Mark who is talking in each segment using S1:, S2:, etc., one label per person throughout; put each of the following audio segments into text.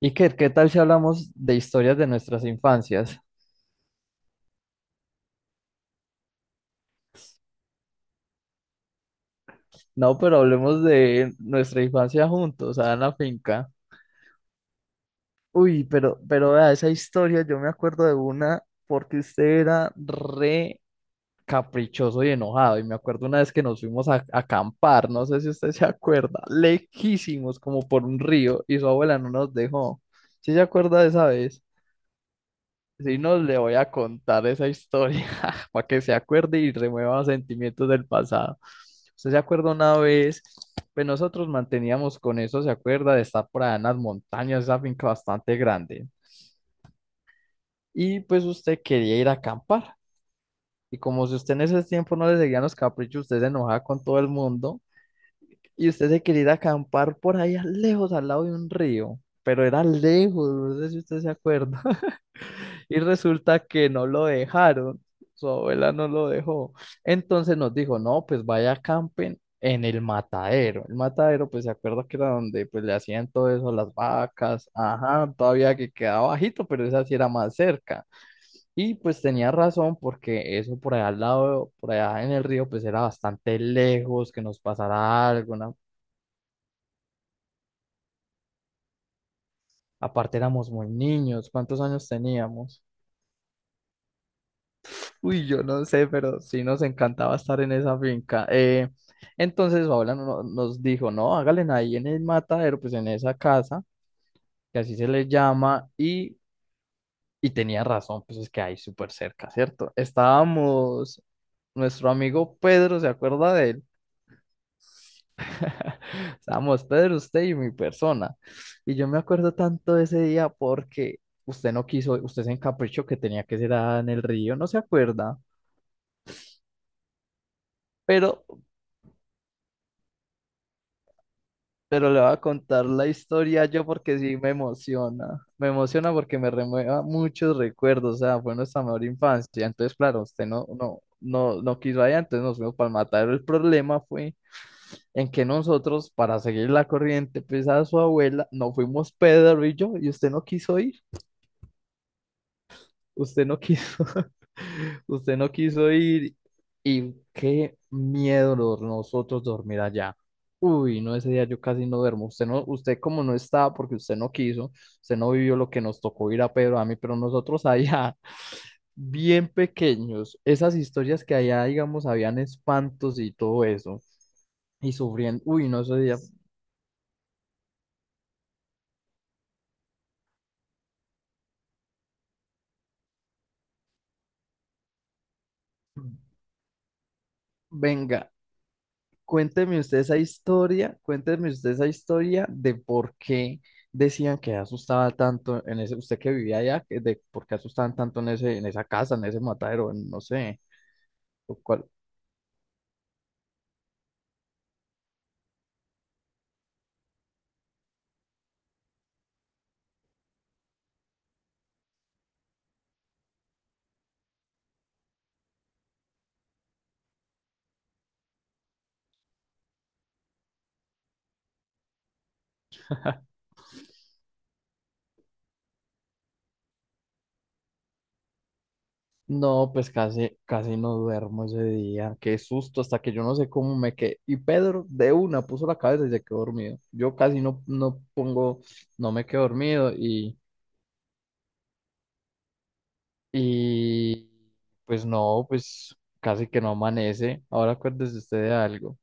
S1: Iker, ¿qué tal si hablamos de historias de nuestras infancias? No, pero hablemos de nuestra infancia juntos, allá en la finca. Uy, pero vea, esa historia yo me acuerdo de una porque usted era re caprichoso y enojado. Y me acuerdo una vez que nos fuimos a acampar, no sé si usted se acuerda, lejísimos como por un río y su abuela no nos dejó. ¿Sí se acuerda de esa vez? Si no, le voy a contar esa historia para que se acuerde y remueva sentimientos del pasado. Usted se acuerda una vez, pues nosotros manteníamos con eso, se acuerda de estar por allá en las montañas, esa finca bastante grande. Y pues usted quería ir a acampar. Y como si usted en ese tiempo no le seguían los caprichos, usted se enojaba con todo el mundo. Y usted se quería ir a acampar por allá lejos, al lado de un río. Pero era lejos, no sé si usted se acuerda. Y resulta que no lo dejaron, su abuela no lo dejó. Entonces nos dijo, no, pues vaya a campen en el matadero. El matadero, pues se acuerda que era donde pues le hacían todo eso a las vacas, ajá, todavía que quedaba bajito, pero esa sí era más cerca. Y pues tenía razón porque eso por allá al lado, por allá en el río, pues era bastante lejos que nos pasara algo, ¿no? Aparte éramos muy niños, ¿cuántos años teníamos? Uy, yo no sé, pero sí nos encantaba estar en esa finca. Entonces Paola nos dijo, no, háganle ahí en el matadero, pues en esa casa, que así se le llama, y tenía razón, pues es que ahí súper cerca, ¿cierto? Estábamos, nuestro amigo Pedro, ¿se acuerda de él? Estábamos Pedro, usted y mi persona. Y yo me acuerdo tanto de ese día porque usted no quiso, usted se encaprichó que tenía que ser ah, en el río, ¿no se acuerda? Pero Pero le voy a contar la historia yo porque sí me emociona. Me emociona porque me remueva muchos recuerdos. O sea, fue nuestra mejor infancia. Entonces, claro, usted no, no, no, no quiso allá, entonces nos fuimos para el matadero. El problema fue en que nosotros, para seguir la corriente, pues a su abuela, no fuimos Pedro y yo, y usted no quiso ir. Usted no quiso, usted no quiso ir y qué miedo lo- nosotros dormir allá. Uy, no, ese día yo casi no duermo. Usted no, usted como no estaba porque usted no quiso, usted no vivió lo que nos tocó ir a Pedro, a mí, pero nosotros allá, bien pequeños, esas historias que allá, digamos, habían espantos y todo eso, y sufriendo. Uy, no, ese día, venga. Cuénteme usted esa historia, cuénteme usted esa historia de por qué decían que asustaba tanto en ese, usted que vivía allá, que de por qué asustaban tanto en ese, en esa casa, en ese matadero, en- no sé, lo cual, no, pues casi, casi no duermo ese día, qué susto, hasta que yo no sé cómo me quedé, y Pedro de una puso la cabeza y se quedó dormido, yo casi no, no pongo, no me quedo dormido, y, y, pues no, pues casi que no amanece, ahora acuérdese usted de algo.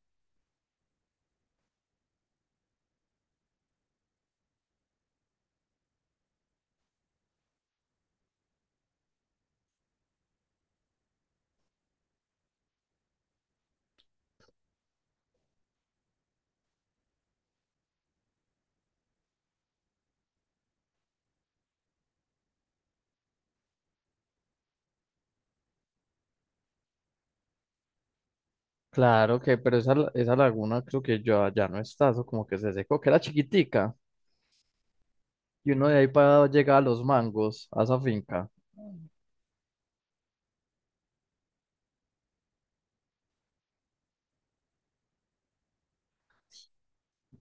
S1: Claro que, pero esa, la- esa laguna creo que ya, ya no está, eso como que se secó, que era chiquitica, y uno de ahí para llegar a los mangos, a esa finca.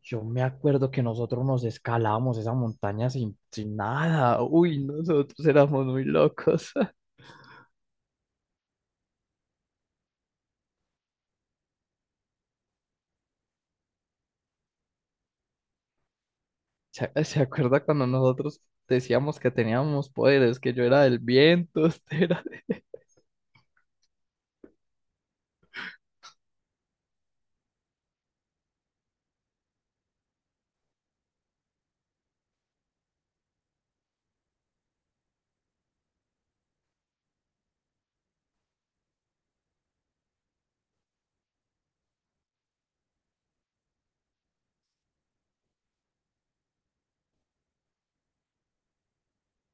S1: Yo me acuerdo que nosotros nos escalábamos esa montaña sin nada. Uy, no, nosotros éramos muy locos. ¿Se acuerda cuando nosotros decíamos que teníamos poderes, que yo era del viento, usted era de-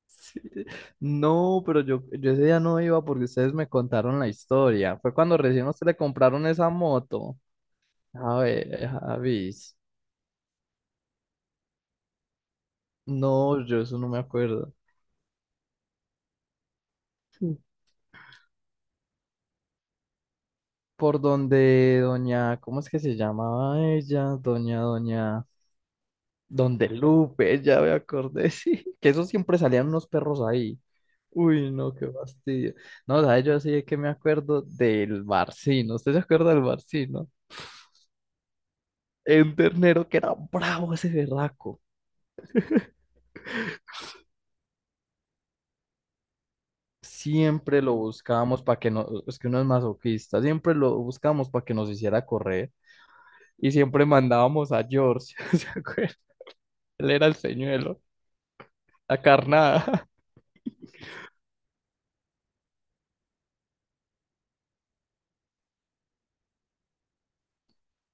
S1: Sí. No, pero yo ese día no iba porque ustedes me contaron la historia. Fue cuando recién a usted le compraron esa moto. A ver, Javis. No, yo eso no me acuerdo. Mm. Por donde doña, ¿cómo es que se llamaba ella? Doña, donde Lupe, ya me acordé, sí. Que eso siempre salían unos perros ahí. Uy, no, qué fastidio. No, ¿sabes? Yo así es que me acuerdo del Barcino. ¿Usted se acuerda del Barcino? Un ternero que era bravo ese berraco. Siempre lo buscábamos para que nos, es que uno es masoquista, siempre lo buscábamos para que nos hiciera correr. Y siempre mandábamos a George, ¿se acuerda? Él era el señuelo, la carnada.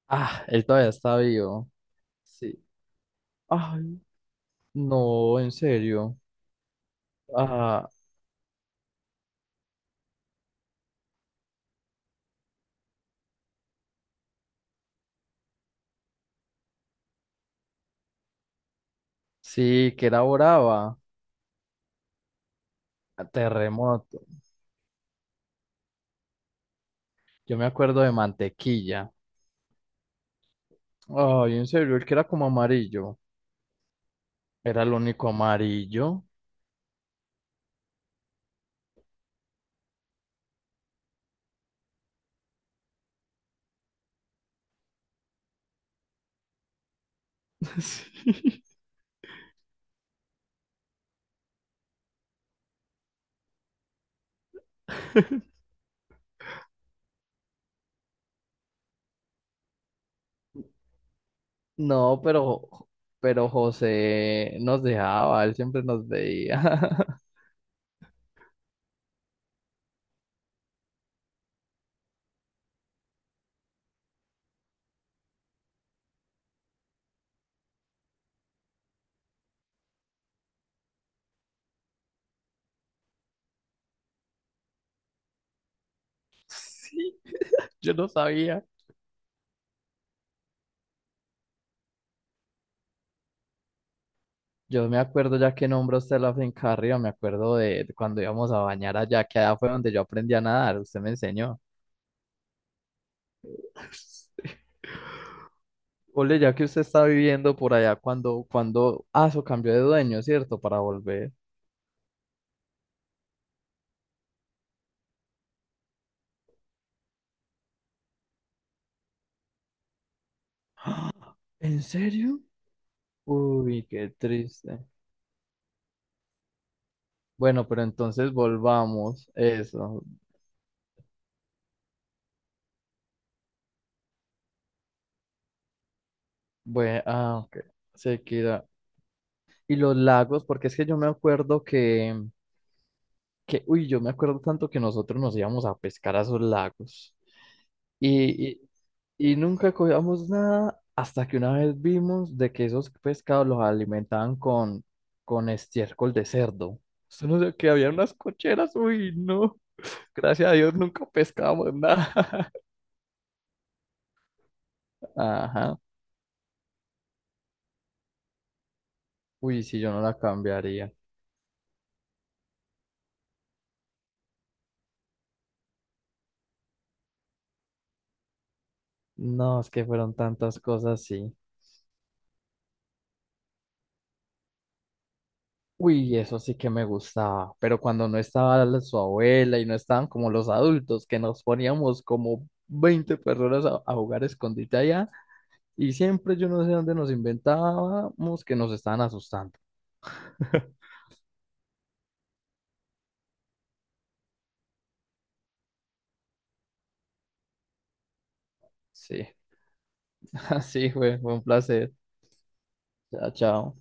S1: Ah, él todavía está vivo. Sí. Ay, no, en serio. Ah, sí, que era brava. A Terremoto. Yo me acuerdo de Mantequilla. Ay, en serio, él que era como amarillo. Era el único amarillo. Sí. No, pero José nos dejaba, él siempre nos veía. Sí, yo no sabía. Yo me acuerdo, ya que nombró usted la finca arriba, me acuerdo de cuando íbamos a bañar allá, que allá fue donde yo aprendí a nadar, usted me enseñó. Ole, ya que usted está viviendo por allá, cuando eso cambió de dueño, ¿cierto? Para volver. ¿En serio? Uy, qué triste. Bueno, pero entonces volvamos. Eso. Bueno, ah, ok. Sequía. Y los lagos, porque es que yo me acuerdo que, uy, yo me acuerdo tanto que nosotros nos íbamos a pescar a esos lagos. Y, y- y nunca cogíamos nada hasta que una vez vimos de que esos pescados los alimentaban con estiércol de cerdo. Eso no sé, que había unas cocheras, uy, no. Gracias a Dios nunca pescamos nada. Ajá. Uy, si yo no la cambiaría. No, es que fueron tantas cosas, sí. Uy, eso sí que me gustaba, pero cuando no estaba la- su abuela y no estaban como los adultos, que nos poníamos como 20 personas a jugar escondite allá. Y siempre yo no sé dónde nos inventábamos que nos estaban asustando. Sí, así fue, fue un placer. Chao, chao.